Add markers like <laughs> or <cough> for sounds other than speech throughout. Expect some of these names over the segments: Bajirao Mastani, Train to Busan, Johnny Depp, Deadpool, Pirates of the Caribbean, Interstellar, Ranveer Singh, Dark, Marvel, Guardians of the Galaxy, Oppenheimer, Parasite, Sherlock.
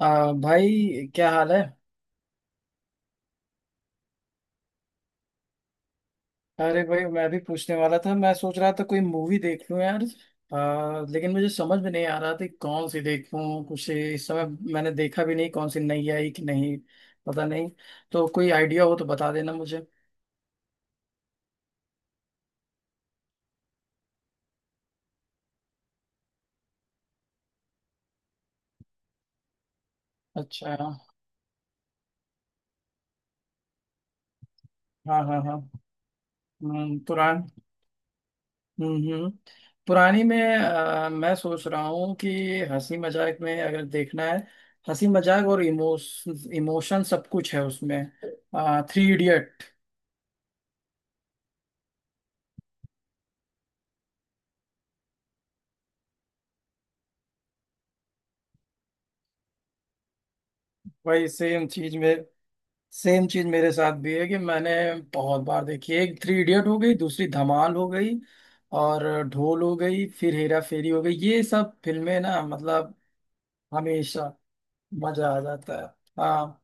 भाई, क्या हाल है। अरे भाई, मैं भी पूछने वाला था। मैं सोच रहा था कोई मूवी देख लूं यार। लेकिन मुझे समझ में नहीं आ रहा था कि कौन सी देखूं कुछ इस समय। मैंने देखा भी नहीं कौन सी नई आई कि नहीं। पता नहीं। तो कोई आइडिया हो तो बता देना मुझे। अच्छा। हाँ, हाँ, हाँ। हम्म, पुरान हम्म, पुरानी में मैं सोच रहा हूँ कि हंसी मजाक में अगर देखना है, हंसी मजाक और इमोशन इमोशन सब कुछ है उसमें, थ्री इडियट। वही सेम चीज में सेम चीज मेरे साथ भी है कि मैंने बहुत बार देखी है। एक थ्री इडियट हो गई, दूसरी धमाल हो गई, और ढोल हो गई, फिर हेरा फेरी हो गई, ये सब फिल्में ना मतलब हमेशा मजा आ जाता है। हाँ।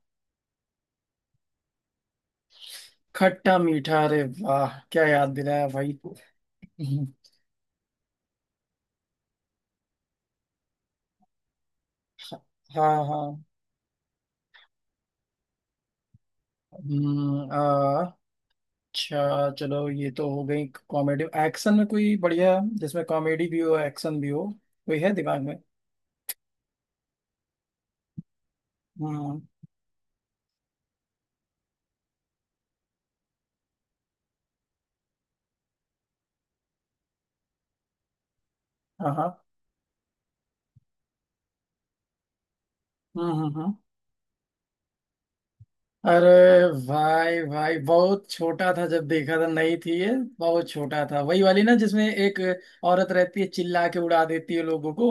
खट्टा मीठा, अरे वाह, क्या याद दिलाया भाई। हाँ, हाँ। हम्म, आ, अच्छा चलो, ये तो हो गई कॉमेडी। एक्शन में कोई बढ़िया जिसमें कॉमेडी भी हो एक्शन भी हो, कोई है दिमाग में? हम्म। हाँ, हाँ। हम्म, हम्म, अरे, भाई भाई, बहुत छोटा था जब देखा था, नहीं थी ये? बहुत छोटा था। वही वाली ना जिसमें एक औरत रहती है, चिल्ला के उड़ा देती है लोगों को।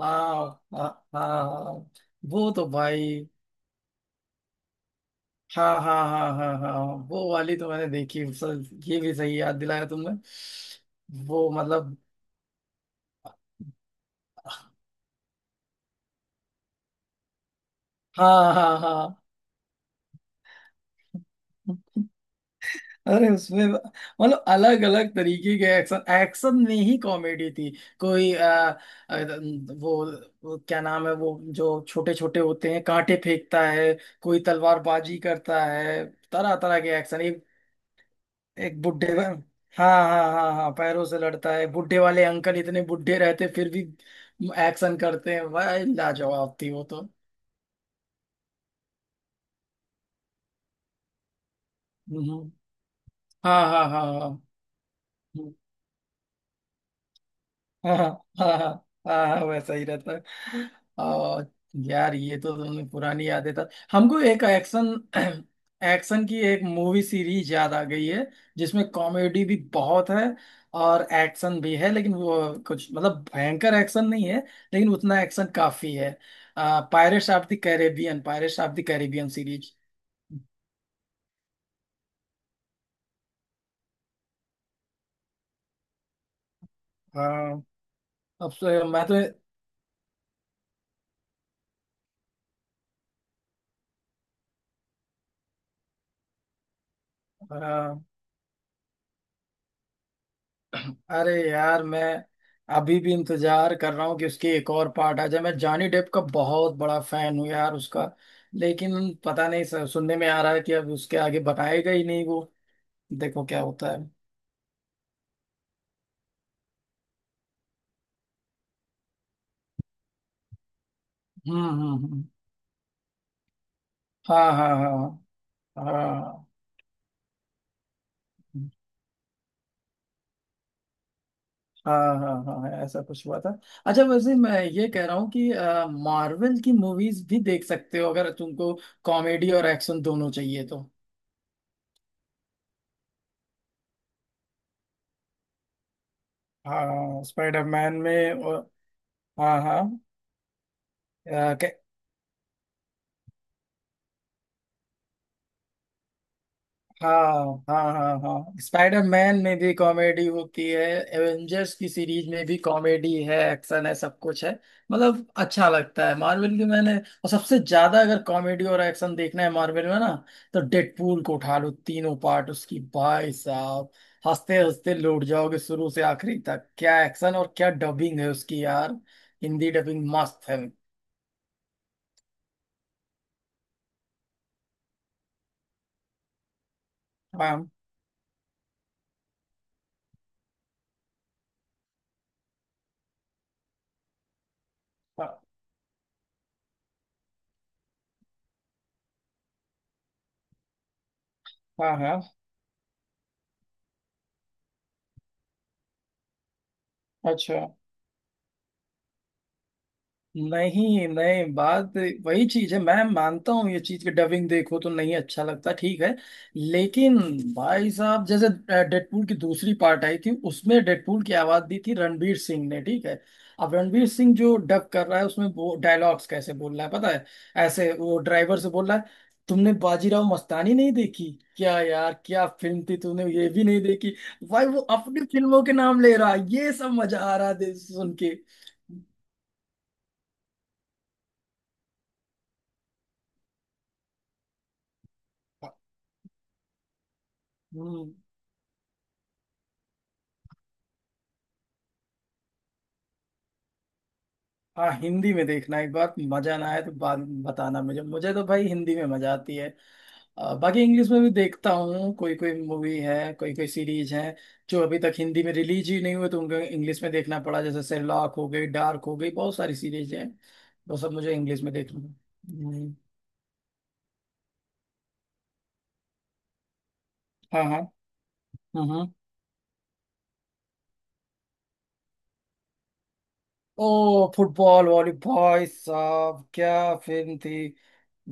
हाँ, हाँ, हाँ। वो तो भाई, हाँ, हाँ, हाँ, हाँ, हाँ, वो वाली तो मैंने देखी, सर। ये भी सही याद दिलाया तुमने। वो मतलब, हाँ, हाँ, हाँ। अरे उसमें मतलब अलग अलग तरीके के एक्शन, एक्शन में ही कॉमेडी थी। कोई आ, आ, वो, वो क्या नाम है वो जो छोटे छोटे होते हैं, कांटे फेंकता है, कोई तलवारबाजी करता है, तरह तरह के एक्शन। एक एक बुढ़े, हाँ, हाँ, हाँ, हाँ, पैरों से लड़ता है बुढ़े वाले अंकल, इतने बुढ़े रहते फिर भी एक्शन करते हैं भाई, लाजवाब थी वो तो। हम्म, हम्म। हाँ हाँ, हाँ, हाँ। हाँ, हाँ। हाँ, हाँ, वैसा ही रहता है। और यार, ये तो तुमने पुरानी यादें था हमको। एक एक्शन एक्शन की एक मूवी सीरीज याद आ गई है जिसमें कॉमेडी भी बहुत है और एक्शन भी है, लेकिन वो कुछ मतलब भयंकर एक्शन नहीं है, लेकिन उतना एक्शन काफी है। Pirates of the Caribbean series. हाँ। अब से मैं तो, हाँ, अरे यार, मैं अभी भी इंतजार कर रहा हूँ कि उसकी एक और पार्ट आ जाए। मैं जॉनी डेप का बहुत बड़ा फैन हूँ यार, उसका। लेकिन पता नहीं सर, सुनने में आ रहा है कि अब उसके आगे बताएगा ही नहीं वो। देखो क्या होता है। हम्म, हम्म, हम्म। हाँ, हाँ, हाँ। हाँ। हाँ, हाँ, हाँ, हाँ, ऐसा कुछ हुआ था। अच्छा वैसे मैं ये कह रहा हूँ कि मार्वल की मूवीज भी देख सकते हो, अगर तुमको कॉमेडी और एक्शन दोनों चाहिए तो। हाँ स्पाइडरमैन में, और हाँ, हाँ, हाँ, हाँ, हाँ, हाँ, स्पाइडरमैन में भी कॉमेडी होती है। एवेंजर्स की सीरीज में भी कॉमेडी है, एक्शन है, सब कुछ है। मतलब अच्छा लगता है मार्वल की। मैंने, और सबसे ज्यादा अगर कॉमेडी और एक्शन देखना है मार्वल में ना, तो डेडपूल को उठा लो, तीनों पार्ट उसकी भाई साहब। हंसते हंसते लौट जाओगे शुरू से आखिरी तक। क्या एक्शन और क्या डबिंग है उसकी यार, हिंदी डबिंग मस्त है। हाँ, हाँ, हाँ, हाँ। अच्छा। नहीं, नहीं, बात वही चीज है। मैं मानता हूँ ये चीज कि डबिंग देखो तो नहीं अच्छा लगता, ठीक है, लेकिन भाई साहब, जैसे डेडपूल की दूसरी पार्ट आई थी, उसमें डेडपूल की आवाज दी थी रणवीर सिंह ने, ठीक है? अब रणवीर सिंह जो डब कर रहा है उसमें वो डायलॉग्स कैसे बोल रहा है, पता है? ऐसे वो ड्राइवर से बोल रहा है, तुमने बाजीराव मस्तानी नहीं देखी? क्या यार, क्या फिल्म थी, तूने ये भी नहीं देखी? भाई, वो अपनी फिल्मों के नाम ले रहा है, ये सब मजा आ रहा है सुन के। हम्म। हाँ, हिंदी में देखना, एक बार मजा ना आए तो बाद में बताना मुझे। मुझे तो भाई हिंदी में मजा आती है। बाकी इंग्लिश में भी देखता हूँ, कोई कोई मूवी है, कोई कोई सीरीज है जो अभी तक हिंदी में रिलीज ही नहीं हुए, तो उनको इंग्लिश में देखना पड़ा, जैसे शेरलॉक हो गई, डार्क हो गई, बहुत सारी सीरीज है। वो सब मुझे इंग्लिश में देखना है। हम्म। हाँ, हाँ, हाँ, हाँ। ओ फुटबॉल वाली, भाई साहब क्या फिल्म थी।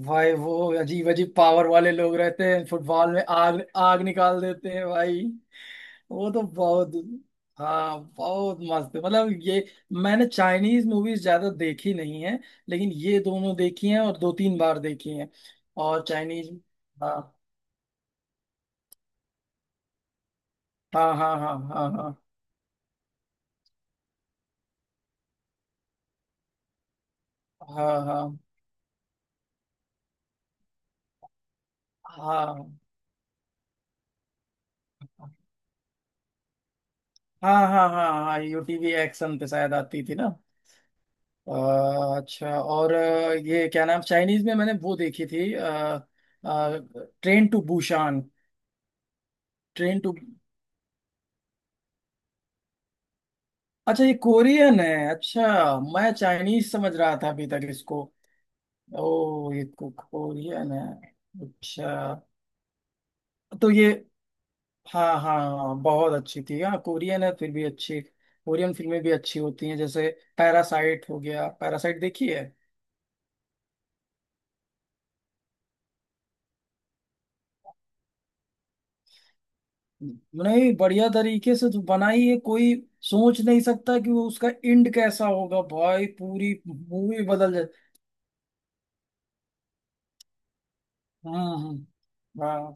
भाई वो अजीब अजीब पावर वाले लोग रहते हैं, फुटबॉल में आग, आग निकाल देते हैं भाई। वो तो बहुत, हाँ, बहुत मस्त है। मतलब ये, मैंने चाइनीज मूवीज ज्यादा देखी नहीं है, लेकिन ये दोनों देखी हैं और दो तीन बार देखी हैं। और चाइनीज, हाँ, हाँ, हाँ, हाँ, हाँ, हाँ, हाँ, हाँ, हाँ, हाँ, हाँ, हाँ, हाँ, यूटीवी एक्शन पे शायद आती थी ना। अ, अच्छा और ये क्या नाम, चाइनीज में मैंने वो देखी थी, train to Busan. Train to अच्छा, ये कोरियन है, अच्छा। मैं चाइनीज समझ रहा था अभी तक इसको। ओ ये कोरियन है, अच्छा। तो ये, हाँ, हाँ, हाँ, बहुत अच्छी थी, हाँ कोरियन है फिर भी अच्छी। कोरियन फिल्में भी अच्छी होती हैं, जैसे पैरासाइट हो गया, पैरासाइट देखी है? नहीं, बढ़िया तरीके से तो बनाई है, कोई सोच नहीं सकता कि वो उसका एंड कैसा होगा भाई, पूरी मूवी बदल जाए। हाँ, हाँ,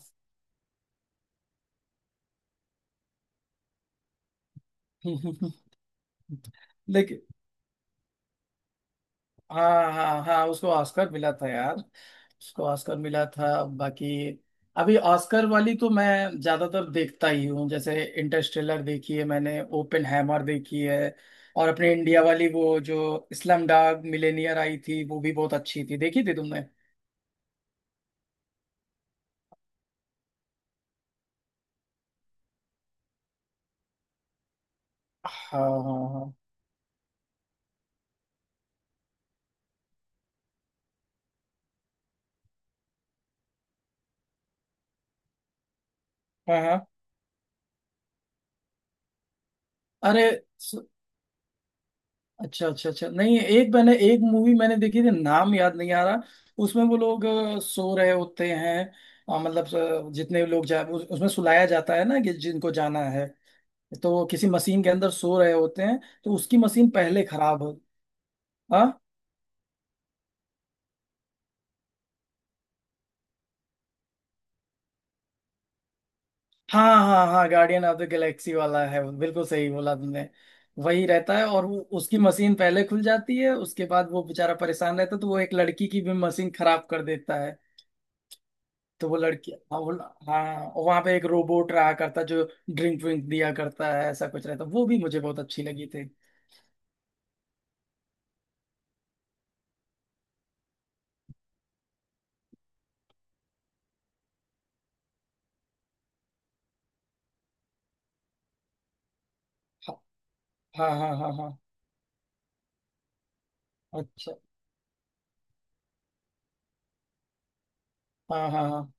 हाँ। <laughs> लेकिन, हाँ, हाँ, हाँ, उसको ऑस्कर मिला था यार, उसको ऑस्कर मिला था। बाकी अभी ऑस्कर वाली तो मैं ज्यादातर देखता ही हूँ, जैसे इंटरस्टेलर देखी है मैंने, ओपन हैमर देखी है। और अपने इंडिया वाली वो जो इस्लाम डाग मिलेनियर आई थी, वो भी बहुत अच्छी थी, देखी थी तुमने? हाँ, हाँ, हाँ, हाँ, हाँ। अरे, स- अच्छा, अच्छा, अच्छा, नहीं एक मूवी मैंने देखी थी, नाम याद नहीं आ रहा। उसमें वो लोग सो रहे होते हैं, मतलब जितने लोग उसमें सुलाया जाता है ना, कि जिनको जाना है, तो वो किसी मशीन के अंदर सो रहे होते हैं, तो उसकी मशीन पहले खराब हो, हाँ, हाँ, हाँ, हाँ, गार्डियन ऑफ द गैलेक्सी वाला है, बिल्कुल सही बोला तुमने। वही रहता है, और वो उसकी मशीन पहले खुल जाती है, उसके बाद वो बेचारा परेशान रहता है, तो वो एक लड़की की भी मशीन खराब कर देता है, तो वो लड़की, हाँ वो, हाँ, वहां पे एक रोबोट रहा करता जो ड्रिंक विंक दिया करता है, ऐसा कुछ रहता, वो भी मुझे बहुत अच्छी लगी थी। हाँ, हाँ, हाँ, हाँ, हाँ, अच्छा, हाँ, हाँ, हाँ,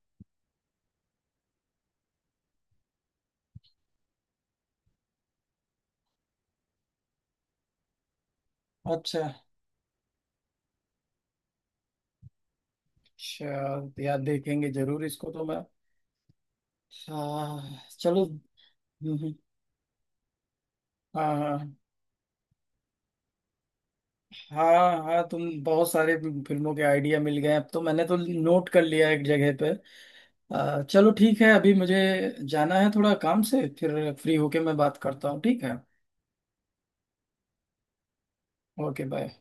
अच्छा चल यार, देखेंगे जरूर इसको तो मैं, हाँ चलो। हम्म, हाँ, हाँ, हाँ, हाँ, तुम बहुत सारे फिल्मों के आइडिया मिल गए अब तो, मैंने तो नोट कर लिया एक जगह पे। चलो ठीक है, अभी मुझे जाना है थोड़ा काम से, फिर फ्री होके मैं बात करता हूँ, ठीक है। Okay, bye.